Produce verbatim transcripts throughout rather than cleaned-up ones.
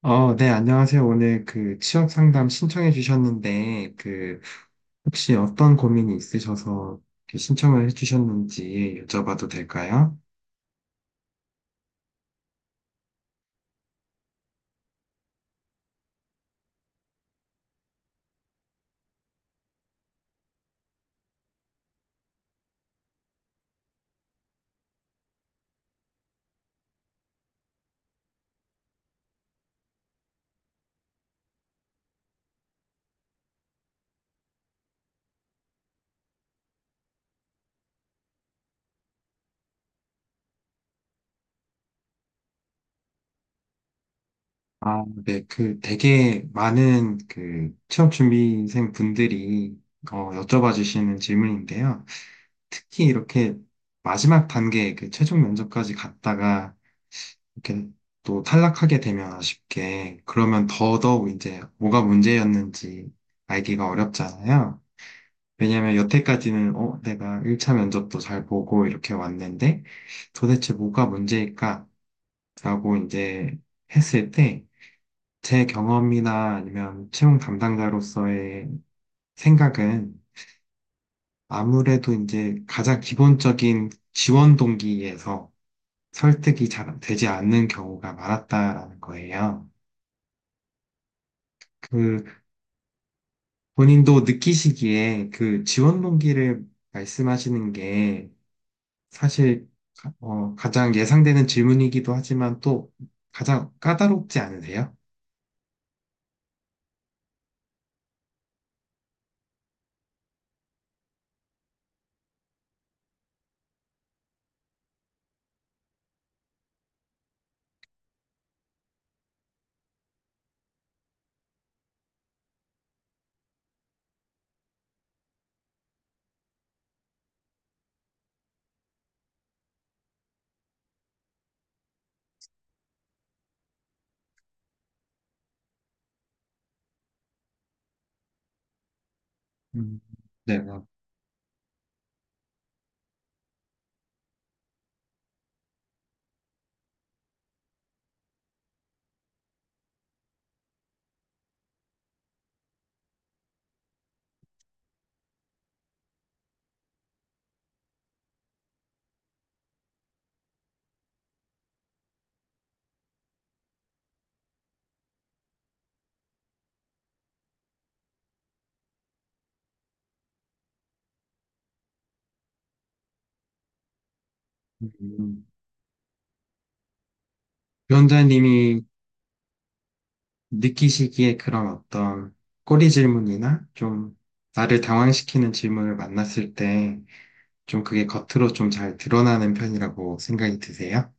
어, 네, 안녕하세요. 오늘 그 취업 상담 신청해 주셨는데, 그 혹시 어떤 고민이 있으셔서 이렇게 신청을 해 주셨는지 여쭤봐도 될까요? 아, 네, 그 되게 많은 그 취업 준비생 분들이 어, 여쭤봐 주시는 질문인데요. 특히 이렇게 마지막 단계 그 최종 면접까지 갔다가 이렇게 또 탈락하게 되면 아쉽게 그러면 더더욱 이제 뭐가 문제였는지 알기가 어렵잖아요. 왜냐면 여태까지는 어, 내가 일 차 면접도 잘 보고 이렇게 왔는데 도대체 뭐가 문제일까라고 이제 했을 때 제 경험이나 아니면 채용 담당자로서의 생각은 아무래도 이제 가장 기본적인 지원 동기에서 설득이 잘 되지 않는 경우가 많았다라는 거예요. 그 본인도 느끼시기에 그 지원 동기를 말씀하시는 게 사실 가- 어, 가장 예상되는 질문이기도 하지만 또 가장 까다롭지 않으세요? 음, 내가 음, 위원장님이 느끼시기에 그런 어떤 꼬리 질문이나 좀 나를 당황시키는 질문을 만났을 때 좀 그게 겉으로 좀 잘 드러나는 편이라고 생각이 드세요?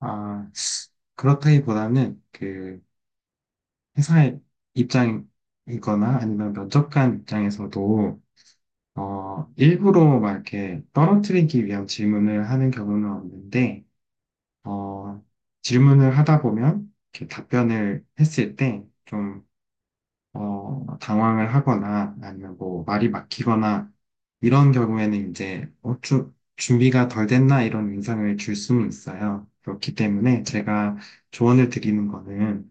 아, 그렇다기보다는 그 회사의 입장이거나 아니면 면접관 입장에서도 어, 일부러 막 이렇게 떨어뜨리기 위한 질문을 하는 경우는 없는데, 어, 질문을 하다 보면 이렇게 답변을 했을 때 좀, 어, 당황을 하거나 아니면 뭐 말이 막히거나 이런 경우에는 이제 어, 주, 준비가 덜 됐나 이런 인상을 줄 수는 있어요. 그렇기 때문에 제가 조언을 드리는 거는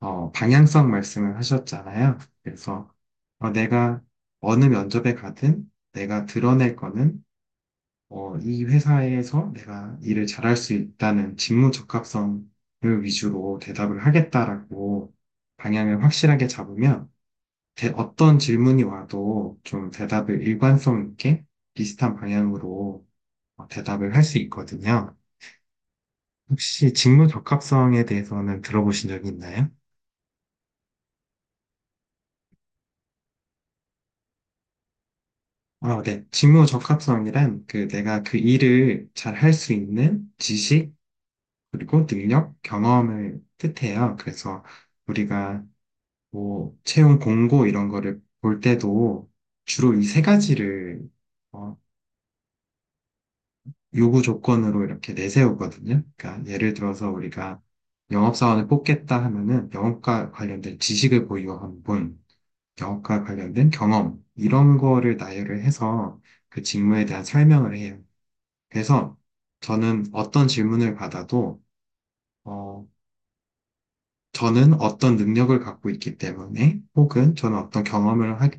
어, 방향성 말씀을 하셨잖아요. 그래서 어, 내가 어느 면접에 가든 내가 드러낼 거는 어, 이 회사에서 내가 일을 잘할 수 있다는 직무 적합성을 위주로 대답을 하겠다라고 방향을 확실하게 잡으면 대- 어떤 질문이 와도 좀 대답을 일관성 있게 비슷한 방향으로 어, 대답을 할 수 있거든요. 혹시 직무 적합성에 대해서는 들어보신 적이 있나요? 아, 네. 직무 적합성이란 그 내가 그 일을 잘할 수 있는 지식, 그리고 능력, 경험을 뜻해요. 그래서 우리가 뭐 채용 공고 이런 거를 볼 때도 주로 이 세 가지를 어, 요구 조건으로 이렇게 내세우거든요. 그러니까 예를 들어서 우리가 영업사원을 뽑겠다 하면은 영업과 관련된 지식을 보유한 분, 영업과 관련된 경험 이런 거를 나열을 해서 그 직무에 대한 설명을 해요. 그래서 저는 어떤 질문을 받아도 어, 저는 어떤 능력을 갖고 있기 때문에 혹은 저는 어떤 경험을 하-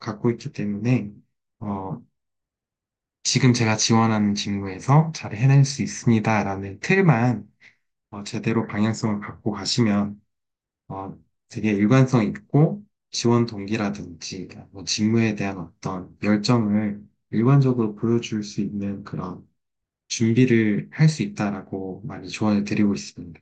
갖고 있기 때문에 어, 지금 제가 지원하는 직무에서 잘 해낼 수 있습니다라는 틀만 어, 제대로 방향성을 갖고 가시면 어, 되게 일관성 있고 지원 동기라든지 뭐 직무에 대한 어떤 열정을 일관적으로 보여줄 수 있는 그런 준비를 할 수 있다라고 많이 조언을 드리고 있습니다.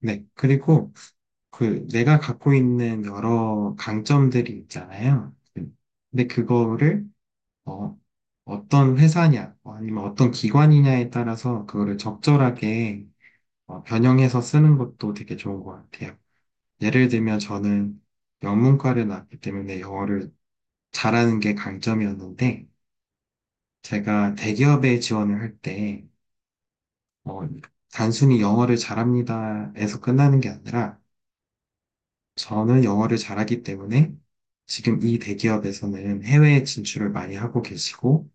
네, 그리고 그 내가 갖고 있는 여러 강점들이 있잖아요. 네, 근데 그거를 어, 어떤 회사냐, 어, 아니면 어떤 기관이냐에 따라서 그거를 적절하게 어, 변형해서 쓰는 것도 되게 좋은 것 같아요. 예를 들면 저는 영문과를 나왔기 때문에 영어를 잘하는 게 강점이었는데, 제가 대기업에 지원을 할 때, 어, 단순히 영어를 잘합니다에서 끝나는 게 아니라, 저는 영어를 잘하기 때문에 지금 이 대기업에서는 해외에 진출을 많이 하고 계시고,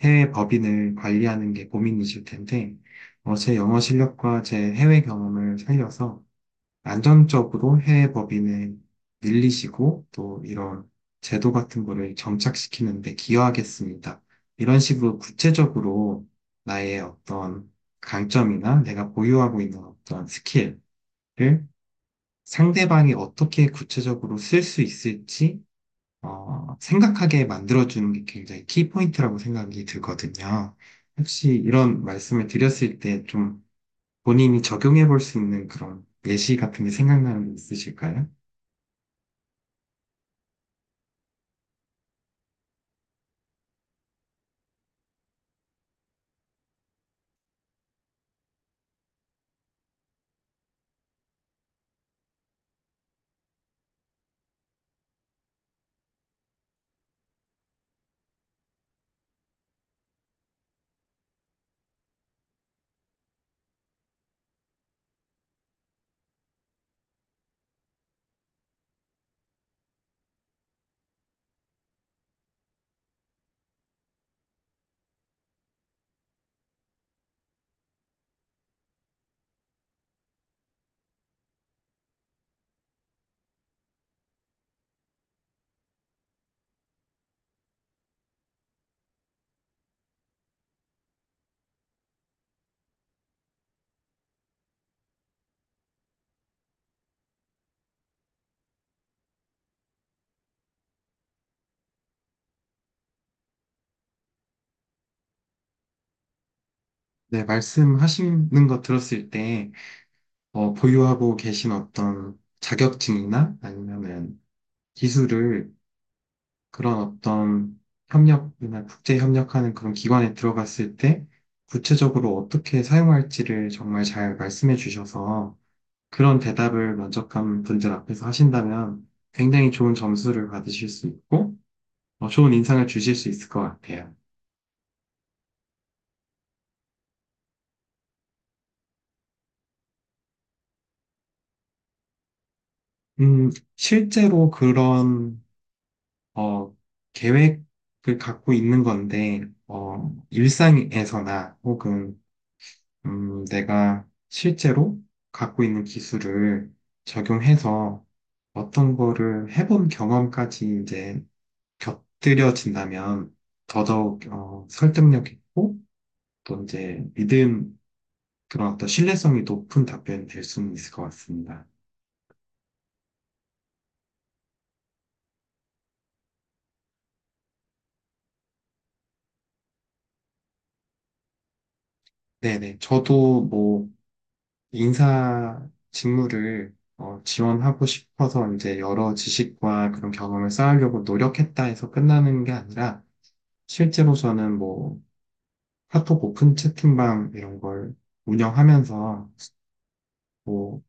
해외 법인을 관리하는 게 고민이실 텐데, 어, 제 영어 실력과 제 해외 경험을 살려서 안정적으로 해외 법인을 늘리시고, 또 이런 제도 같은 거를 정착시키는 데 기여하겠습니다. 이런 식으로 구체적으로 나의 어떤 강점이나 내가 보유하고 있는 어떤 스킬을 상대방이 어떻게 구체적으로 쓸 수 있을지 어, 생각하게 만들어주는 게 굉장히 키포인트라고 생각이 들거든요. 혹시 이런 말씀을 드렸을 때 좀 본인이 적용해 볼 수 있는 그런 예시 같은 게 생각나는 게 있으실까요? 네, 말씀하시는 거 들었을 때, 어, 보유하고 계신 어떤 자격증이나 아니면은 기술을 그런 어떤 협력이나 국제 협력하는 그런 기관에 들어갔을 때 구체적으로 어떻게 사용할지를 정말 잘 말씀해 주셔서 그런 대답을 만족한 분들 앞에서 하신다면 굉장히 좋은 점수를 받으실 수 있고 어, 좋은 인상을 주실 수 있을 것 같아요. 음, 실제로 그런 어, 계획을 갖고 있는 건데 어, 일상에서나 혹은 음, 내가 실제로 갖고 있는 기술을 적용해서 어떤 거를 해본 경험까지 이제 곁들여진다면 더더욱 어, 설득력 있고 또 이제 믿음 그런 어떤 신뢰성이 높은 답변이 될 수는 있을 것 같습니다. 네네. 저도 뭐 인사 직무를 어, 지원하고 싶어서 이제 여러 지식과 그런 경험을 쌓으려고 노력했다 해서 끝나는 게 아니라 실제로 저는 뭐 카톡 오픈 채팅방 이런 걸 운영하면서 뭐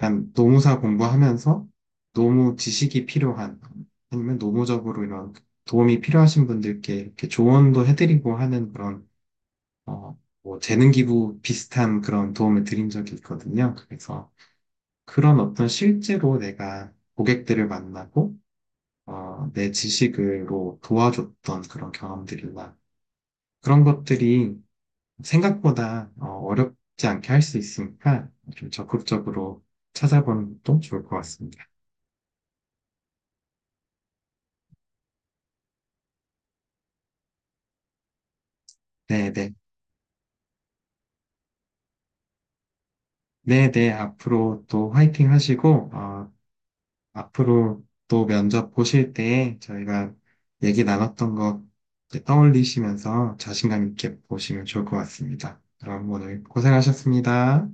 약간 노무사 공부하면서 노무 지식이 필요한 아니면 노무적으로 이런 도움이 필요하신 분들께 이렇게 조언도 해드리고 하는 그런 어, 뭐 재능 기부 비슷한 그런 도움을 드린 적이 있거든요. 그래서 그런 어떤 실제로 내가 고객들을 만나고 어, 내 지식으로 도와줬던 그런 경험들이나 그런 것들이 생각보다 어, 어렵지 않게 할 수 있으니까 좀 적극적으로 찾아보는 것도 좋을 것 같습니다. 네, 네. 네, 네, 앞으로 또 화이팅 하시고, 어, 앞으로 또 면접 보실 때 저희가 얘기 나눴던 거 이제 떠올리시면서 자신감 있게 보시면 좋을 것 같습니다. 그럼 오늘 고생하셨습니다.